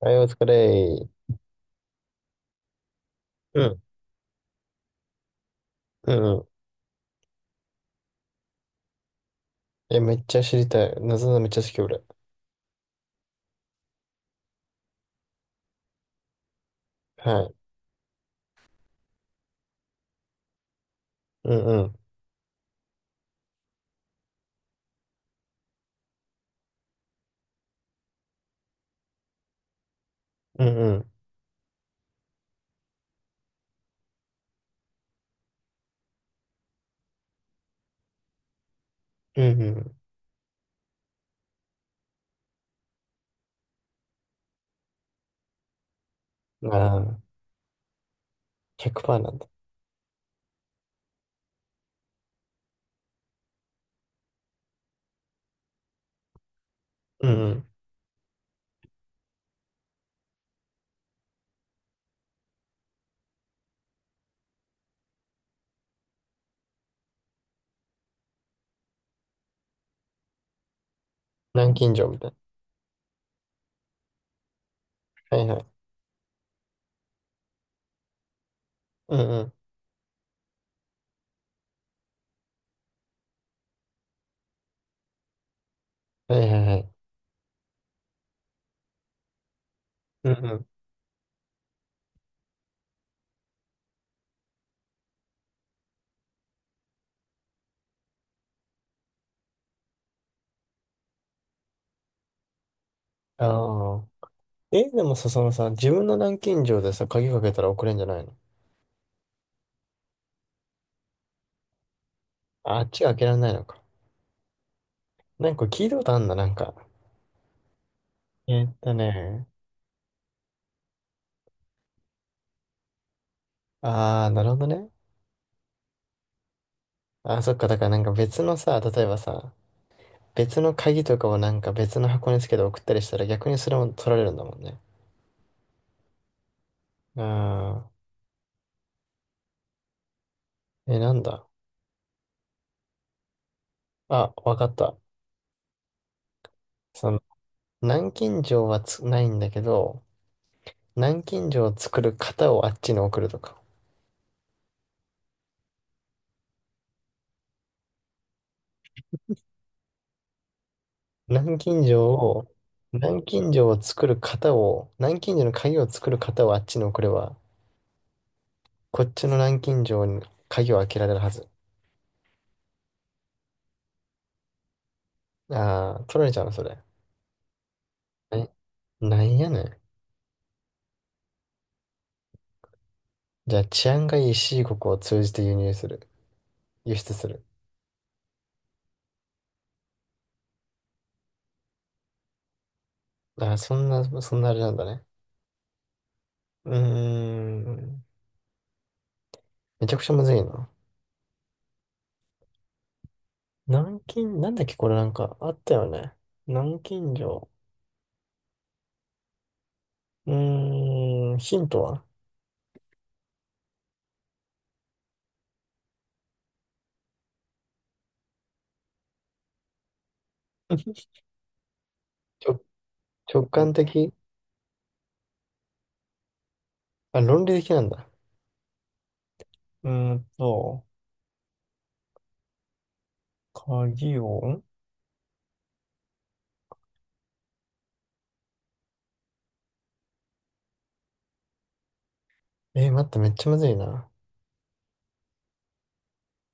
はい、お疲れ。うん、うん、うん。え、めっちゃ知りたい。なぞなぞめっちゃ好き、俺。はい。うん、うん、うん、うん、うん、うん。ああ、100%なんだ。うん、うん。南京錠みたいな。はい、はい。うん、うん。はい、はい、はい。うん、うん。ああ。え、でもさ、そのさ、自分の南京錠でさ、鍵かけたら送れんじゃないの？ああっちが開けられないのか。なんか聞いたことあんだ、なんか。えっとね。ああ、なるほどね。ああ、そっか。だからなんか別のさ、例えばさ、別の鍵とかをなんか別の箱につけて送ったりしたら逆にそれも取られるんだもんね。ああ、え、なんだ。あ、わかった。その、南京錠はつ、ないんだけど、南京錠を作る型をあっちに送るとか。南京錠を、南京錠を作る型を、南京錠の鍵を作る型をあっちに送れば、こっちの南京錠に鍵を開けられるはず。ああ、取られちゃうの、それ。え、なんやねん。じゃあ治安がいい C 国を通じて輸入する。輸出する。あ、そんな、そんなあれなんだね。うーん。めちゃくちゃむずいな。南京、なんだっけこれなんかあったよね。南京錠。うーん、ヒントは。 直、直感的。あ、論理的なんだ。うーんと、鍵を、ん、えー待って、めっちゃむずいな。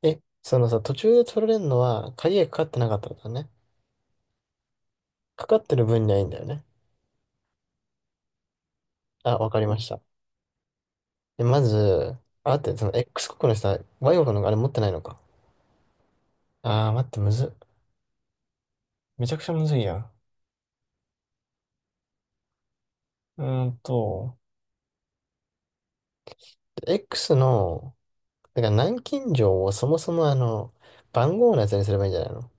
え、そのさ、途中で取られるのは、鍵がかかってなかったんだね。かかってる分にはいいんだよね。あ、わかりました。で、まず、あ、待って、その X 国の人は Y 国のあれ持ってないのか。あー、待って、むずっ。めちゃくちゃむずいやん。うーんと、X の、だから南京錠をそもそもあの、番号のやつにすればいいんじゃないの？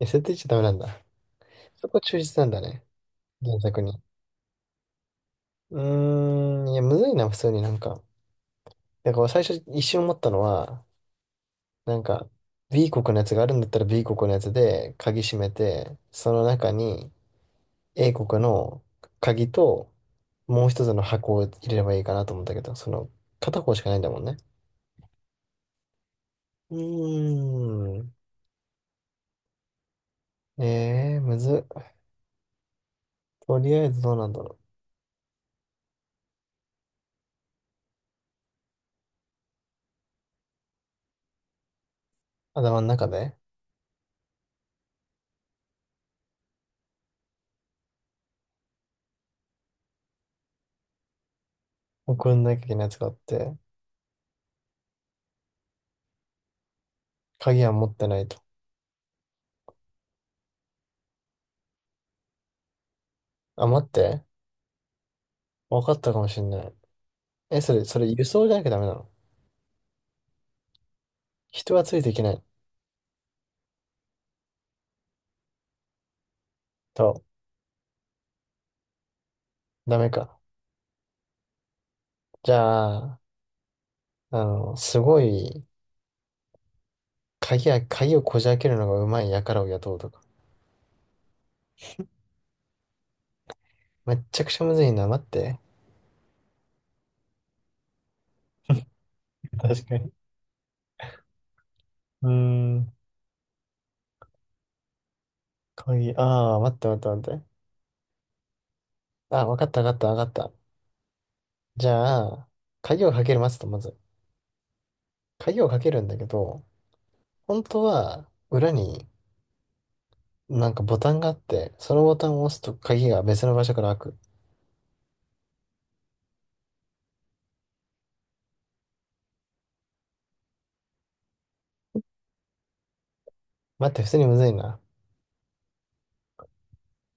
設定しちゃダメなんだ。そこ忠実なんだね。原作に。うーん、いや、むずいな、普通になんか。だから最初一瞬思ったのは、なんか、B 国のやつがあるんだったら B 国のやつで鍵閉めて、その中に A 国の鍵ともう一つの箱を入れればいいかなと思ったけど、その片方しかないんだもんね。うーん。ええー、むずっ。とりあえずどうなんだろう。頭の中で、送んなきゃいけないやつがあって、鍵は持ってないと。あ、待って。わかったかもしんない。え、それ、それ輸送じゃなきゃダメなの？人はついていけないと、ダメか。じゃあ、あの、すごい、鍵や、鍵をこじ開けるのがうまい輩を雇うとか。めっちゃくちゃむずいな。待って。確かに。うーん。鍵、ああ、待って待って待って。あ、わかったわかったわかった。じゃあ、鍵をかける待つと、まず。鍵をかけるんだけど、本当は、裏になんかボタンがあって、そのボタンを押すと鍵が別の場所から開く。待って、普通にむずいな。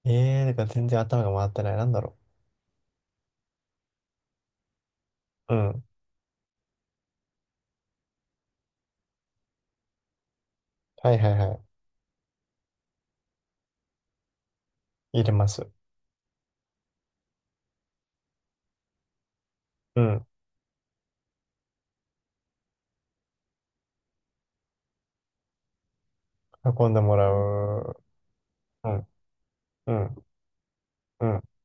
ええー、だから全然頭が回ってない。なんだろう。うん。はいはいはい。入れます。うん。運んでもらう。う。ん。うん。うん。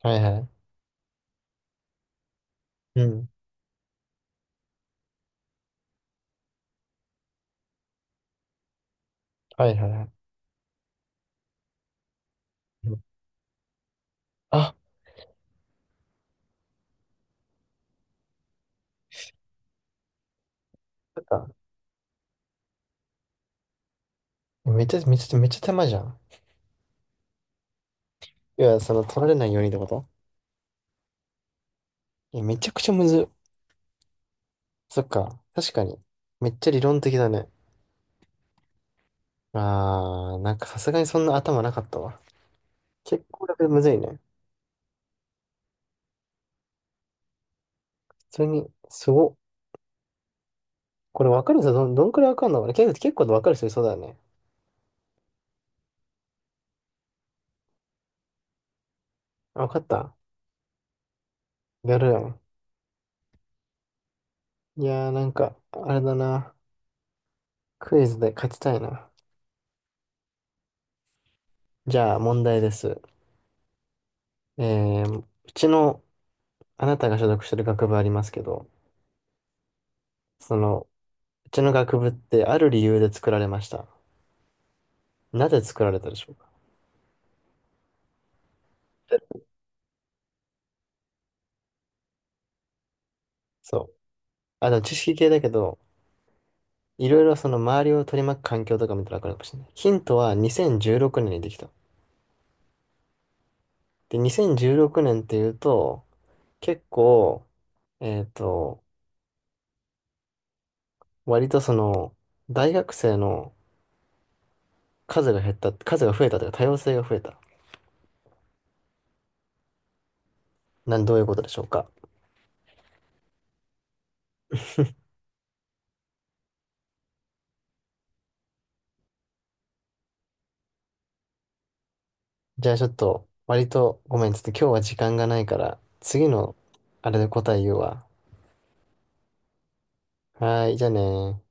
はいはい。うん。はいはいはい。うん、あ、出た、めっちゃ、めっちゃ、めっちゃ手間じゃん。いや、その取られないようにってこと？いや、めちゃくちゃむずっ。そっか。確かに。めっちゃ理論的だね。あー、なんかさすがにそんな頭なかったわ。結構これむずいね。普通に、すご。これわかる人どん、どんくらいわかんのかな、結構、結構わかる人いそうだよね。あ、わかった。やるよね。いやーなんか、あれだな。クイズで勝ちたいな。じゃあ問題です。えー、うちの、あなたが所属してる学部ありますけど、その、うちの学部ってある理由で作られました。なぜ作られたでしょうか？そう。あ、でも知識系だけど、いろいろその周りを取り巻く環境とか見たらわかるかもしれない。ヒントは2016年にできた。で、2016年っていうと、結構、えっと、割とその、大学生の数が減った、数が増えたというか多様性が増えた。なん、どういうことでしょうか。じゃあちょっと、割とごめん、ちょっと今日は時間がないから、次のあれで答え言うわ。はーい、じゃあねー。